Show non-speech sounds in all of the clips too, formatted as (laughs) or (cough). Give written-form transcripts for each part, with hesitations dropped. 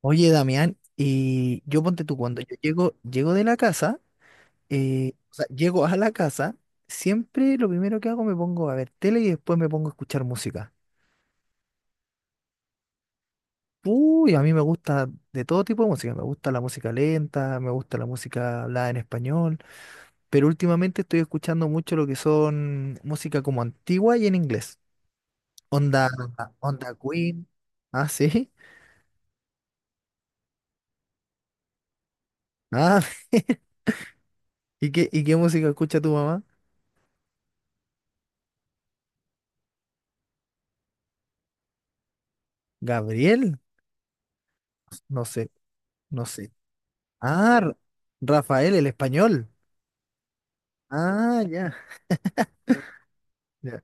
Oye, Damián, y yo ponte tú, cuando yo llego de la casa, o sea, llego a la casa, siempre lo primero que hago me pongo a ver tele y después me pongo a escuchar música. Uy, a mí me gusta de todo tipo de música, me gusta la música lenta, me gusta la música hablada en español, pero últimamente estoy escuchando mucho lo que son música como antigua y en inglés. Onda, onda Queen. Ah, sí. Ah, (laughs) ¿Y qué música escucha tu mamá? Gabriel. No sé, no sé. Ah, Rafael, el español. Ah, ya, ya.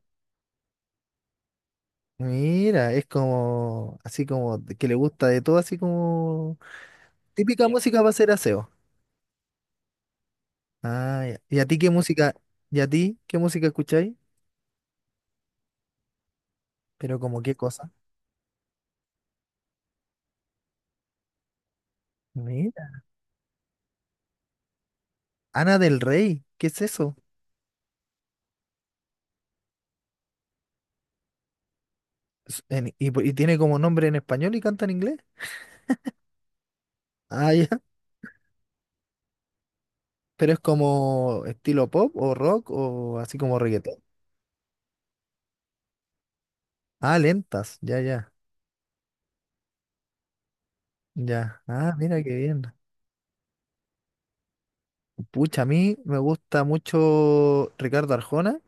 Mira, es como, así como, que le gusta de todo, así como, típica, sí, música para hacer aseo. Ah, ya. ¿Y a ti qué música, y a ti qué música escucháis? Pero como qué cosa. Mira. Ana del Rey, ¿qué es eso? Es en- y, po- y tiene como nombre en español y canta en inglés. Ah, ya. (laughs) Pero es como estilo pop o rock o así como reggaetón. Ah, lentas, ya, ya, ya. Ah, mira qué bien. Pucha, a mí me gusta mucho Ricardo Arjona.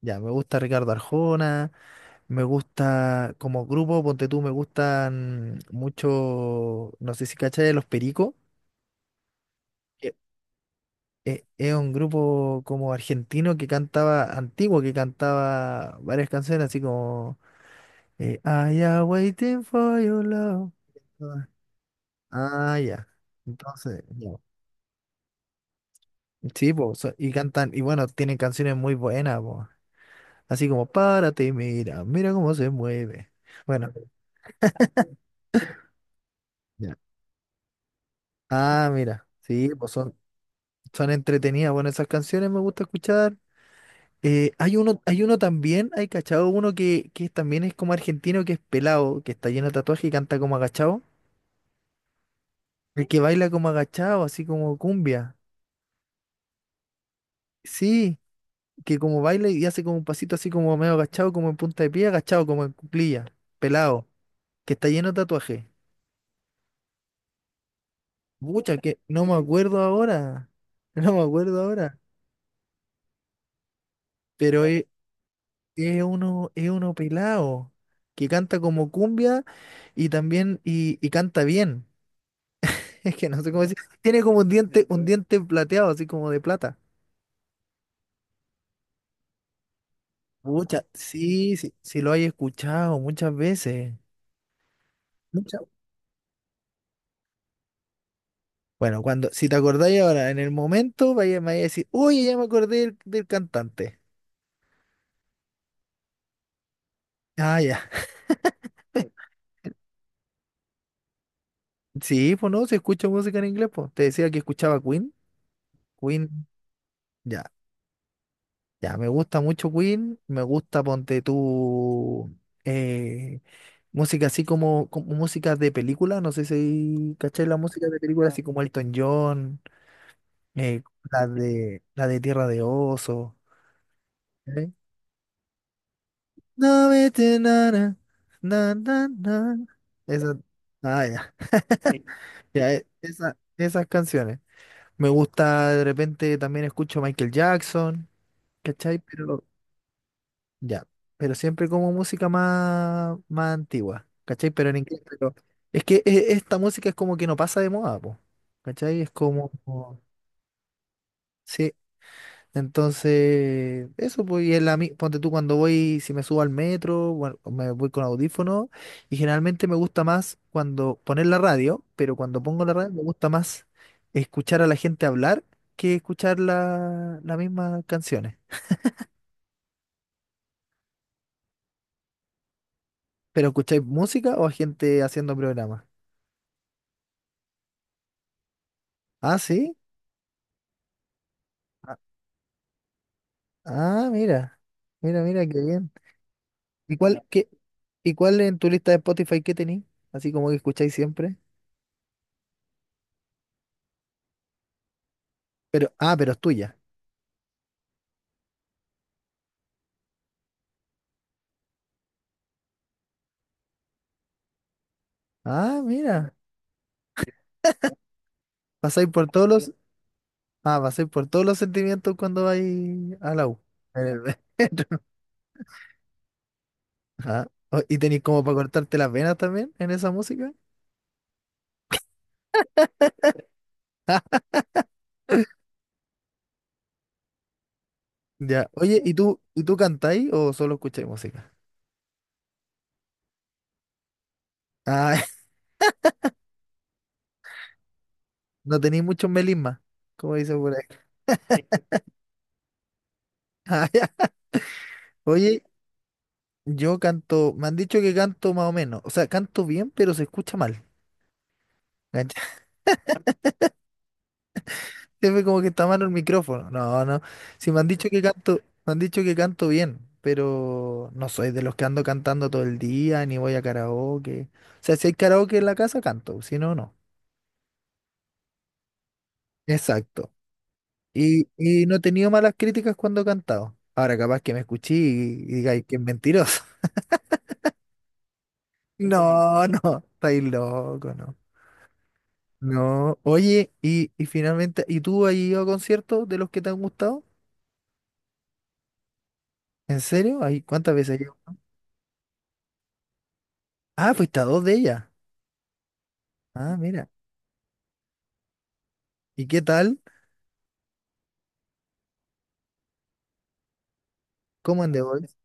Ya, me gusta Ricardo Arjona. Me gusta como grupo, ponte tú, me gustan mucho, no sé si cachai, Los Pericos. que Es un grupo como argentino que cantaba, antiguo, que cantaba varias canciones así como I am waiting for your love. Ah, ya. Entonces, ya. Sí, po, y cantan, y bueno, tienen canciones muy buenas, po. Así como, párate y mira cómo se mueve. Bueno, ya. Ah, mira, sí, pues son entretenidas. Bueno, esas canciones me gusta escuchar. Hay uno, también, hay cachado, uno que también es como argentino, que es pelado, que está lleno de tatuaje y canta como agachado. El que baila como agachado, así como cumbia. Sí, que como baila y hace como un pasito así como medio agachado, como en punta de pie, agachado, como en cuclilla, pelado, que está lleno de tatuaje. Mucha, que no me acuerdo ahora. (laughs) No me acuerdo ahora. Pero es uno pelado que canta como cumbia y también y canta bien. (laughs) Es que no sé cómo decir. Tiene como un diente plateado, así como de plata. Muchas, sí, sí, sí lo hay escuchado muchas veces. Muchas. Bueno, cuando, si te acordáis ahora, en el momento, vaya, me vaya a decir, oye, ya me acordé del cantante. Ah, ya. (laughs) Sí, pues no, se escucha música en inglés, pues. Te decía que escuchaba Queen. Queen, ya. Ya, me gusta mucho Queen, me gusta, ponte tú, eh, música así como música de película, no sé si cacháis la música de película, así como Elton John, eh, la de Tierra de Oso. ¿Eh? No vete, na, na, na, na, na. Esa, ah, ya, ya, esas canciones. Me gusta, de repente también escucho Michael Jackson, ¿cachai? Pero, ya, pero siempre como música más antigua, ¿cachai? Pero en inglés, pero es que esta música es como que no pasa de moda, po, ¿cachai? Es como. Sí, entonces, eso, pues, ponte tú cuando voy, si me subo al metro, bueno, me voy con audífono, y generalmente me gusta más cuando poner la radio, pero cuando pongo la radio me gusta más escuchar a la gente hablar que escuchar las mismas canciones. ¿Pero escucháis música o a gente haciendo programas? Ah, sí. Ah, mira, mira, mira, qué bien. ¿Y cuál, qué, y cuál en tu lista de Spotify que tenéis? Así como que escucháis siempre. Pero, ah, pero es tuya. Ah, mira. Pasáis por todos los, Pasáis por todos los sentimientos cuando vais a la U. (laughs) En el metro. (laughs) Ah, ¿y tenéis como para cortarte las venas también en esa música? (laughs) Ya. Oye, y tú cantáis o solo escucháis música? Ah, (laughs) no tenéis muchos melismas, como dice por ahí. (laughs) Ah, ya. Oye, yo canto, me han dicho que canto más o menos. O sea, canto bien, pero se escucha mal. ¿Cachai? (laughs) Se ve como que está malo el micrófono. No, no. Si me han dicho que canto bien, pero no soy de los que ando cantando todo el día, ni voy a karaoke. O sea, si hay karaoke en la casa, canto, si no, no. Exacto. Y no he tenido malas críticas cuando he cantado. Ahora capaz que me escuché y digáis que es mentiroso. (laughs) No, no, estáis loco, no. No, oye, y finalmente, ¿y tú has ido a conciertos de los que te han gustado? ¿En serio? Ay, ¿cuántas veces has ido? Ah, fuiste a dos de ellas. Ah, mira. ¿Y qué tal? ¿Cómo en The Voice?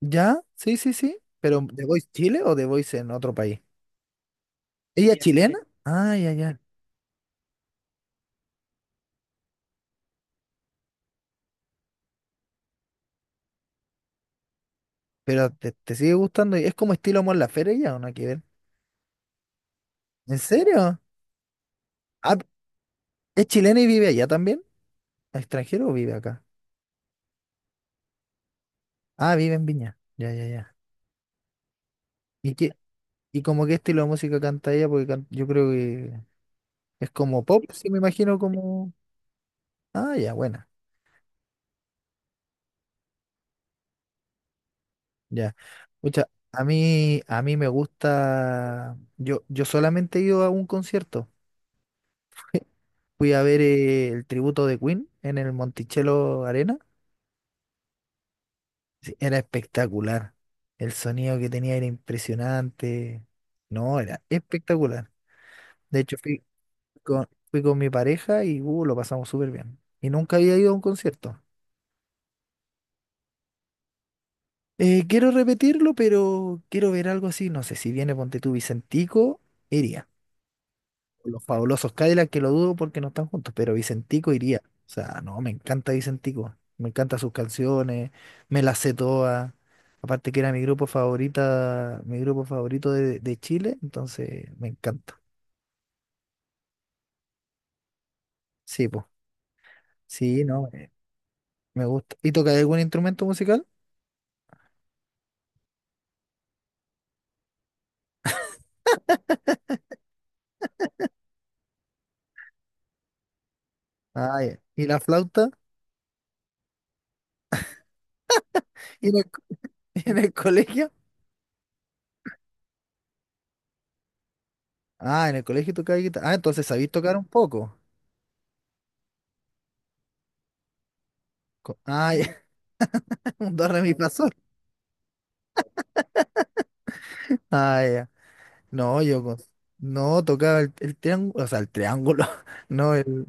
¿Ya? Sí, sí, sí. ¿Pero The Voice Chile o The Voice en otro país? ¿Ella es chilena? Chilena. Ah, ya, ya. ¿Pero te sigue gustando? ¿Es como estilo Mon Laferte ella o no hay que ver? ¿En serio? Ah, ¿es chilena y vive allá también? ¿Extranjero o vive acá? Ah, vive en Viña. Ya, ya, ya. ¿Y qué, y como qué estilo de música canta ella? Porque yo creo que. Es como pop, sí me imagino como. Ah, ya, buena, ya. Pucha, a mí me gusta. Yo solamente he ido a un concierto. (laughs) Fui a ver el tributo de Queen en el Monticello Arena. Sí, era espectacular. El sonido que tenía era impresionante. No, era espectacular. De hecho, fui con mi pareja y lo pasamos súper bien. Y nunca había ido a un concierto. Quiero repetirlo, pero quiero ver algo así. No sé, si viene Ponte tú Vicentico, iría. Los Fabulosos Cadillacs que lo dudo porque no están juntos, pero Vicentico iría. O sea, no, me encanta Vicentico. Me encantan sus canciones, me las sé todas. Aparte que era mi grupo favorita, mi grupo favorito de Chile, entonces me encanta. Sí, pues. Sí, no, me gusta. ¿Y tocas algún instrumento musical? Ah, ya. ¿Y la flauta? ¿Y (laughs) en el colegio? Ah, en el colegio tocaba guitarra. Ah, entonces sabéis tocar un poco. Ah, ya, (laughs) un do, re, mi, fa, sol. Ah, ya. No, yo no tocaba el triángulo, o sea, el triángulo, (laughs) no,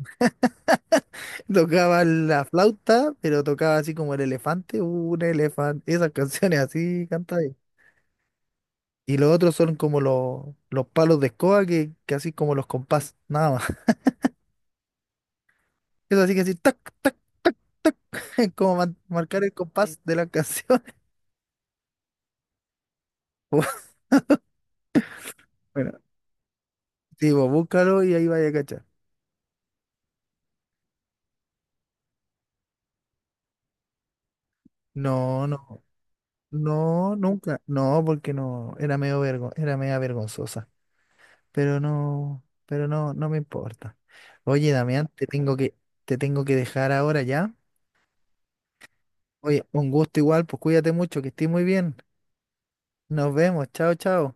(laughs) tocaba la flauta, pero tocaba así como el elefante, un elefante, esas canciones así cantaba yo. Y los otros son como los palos de escoba que así como los compás, nada más. (laughs) Eso así que así, tac, tac, (laughs) como marcar el compás de la canción. (laughs) Bueno, sí, vos búscalo y ahí vaya a cachar. No, no. No, nunca. No, porque no, era era media vergonzosa. Pero no, no me importa. Oye, Damián, te tengo que dejar ahora ya. Oye, un gusto igual, pues cuídate mucho, que estés muy bien. Nos vemos, chao, chao.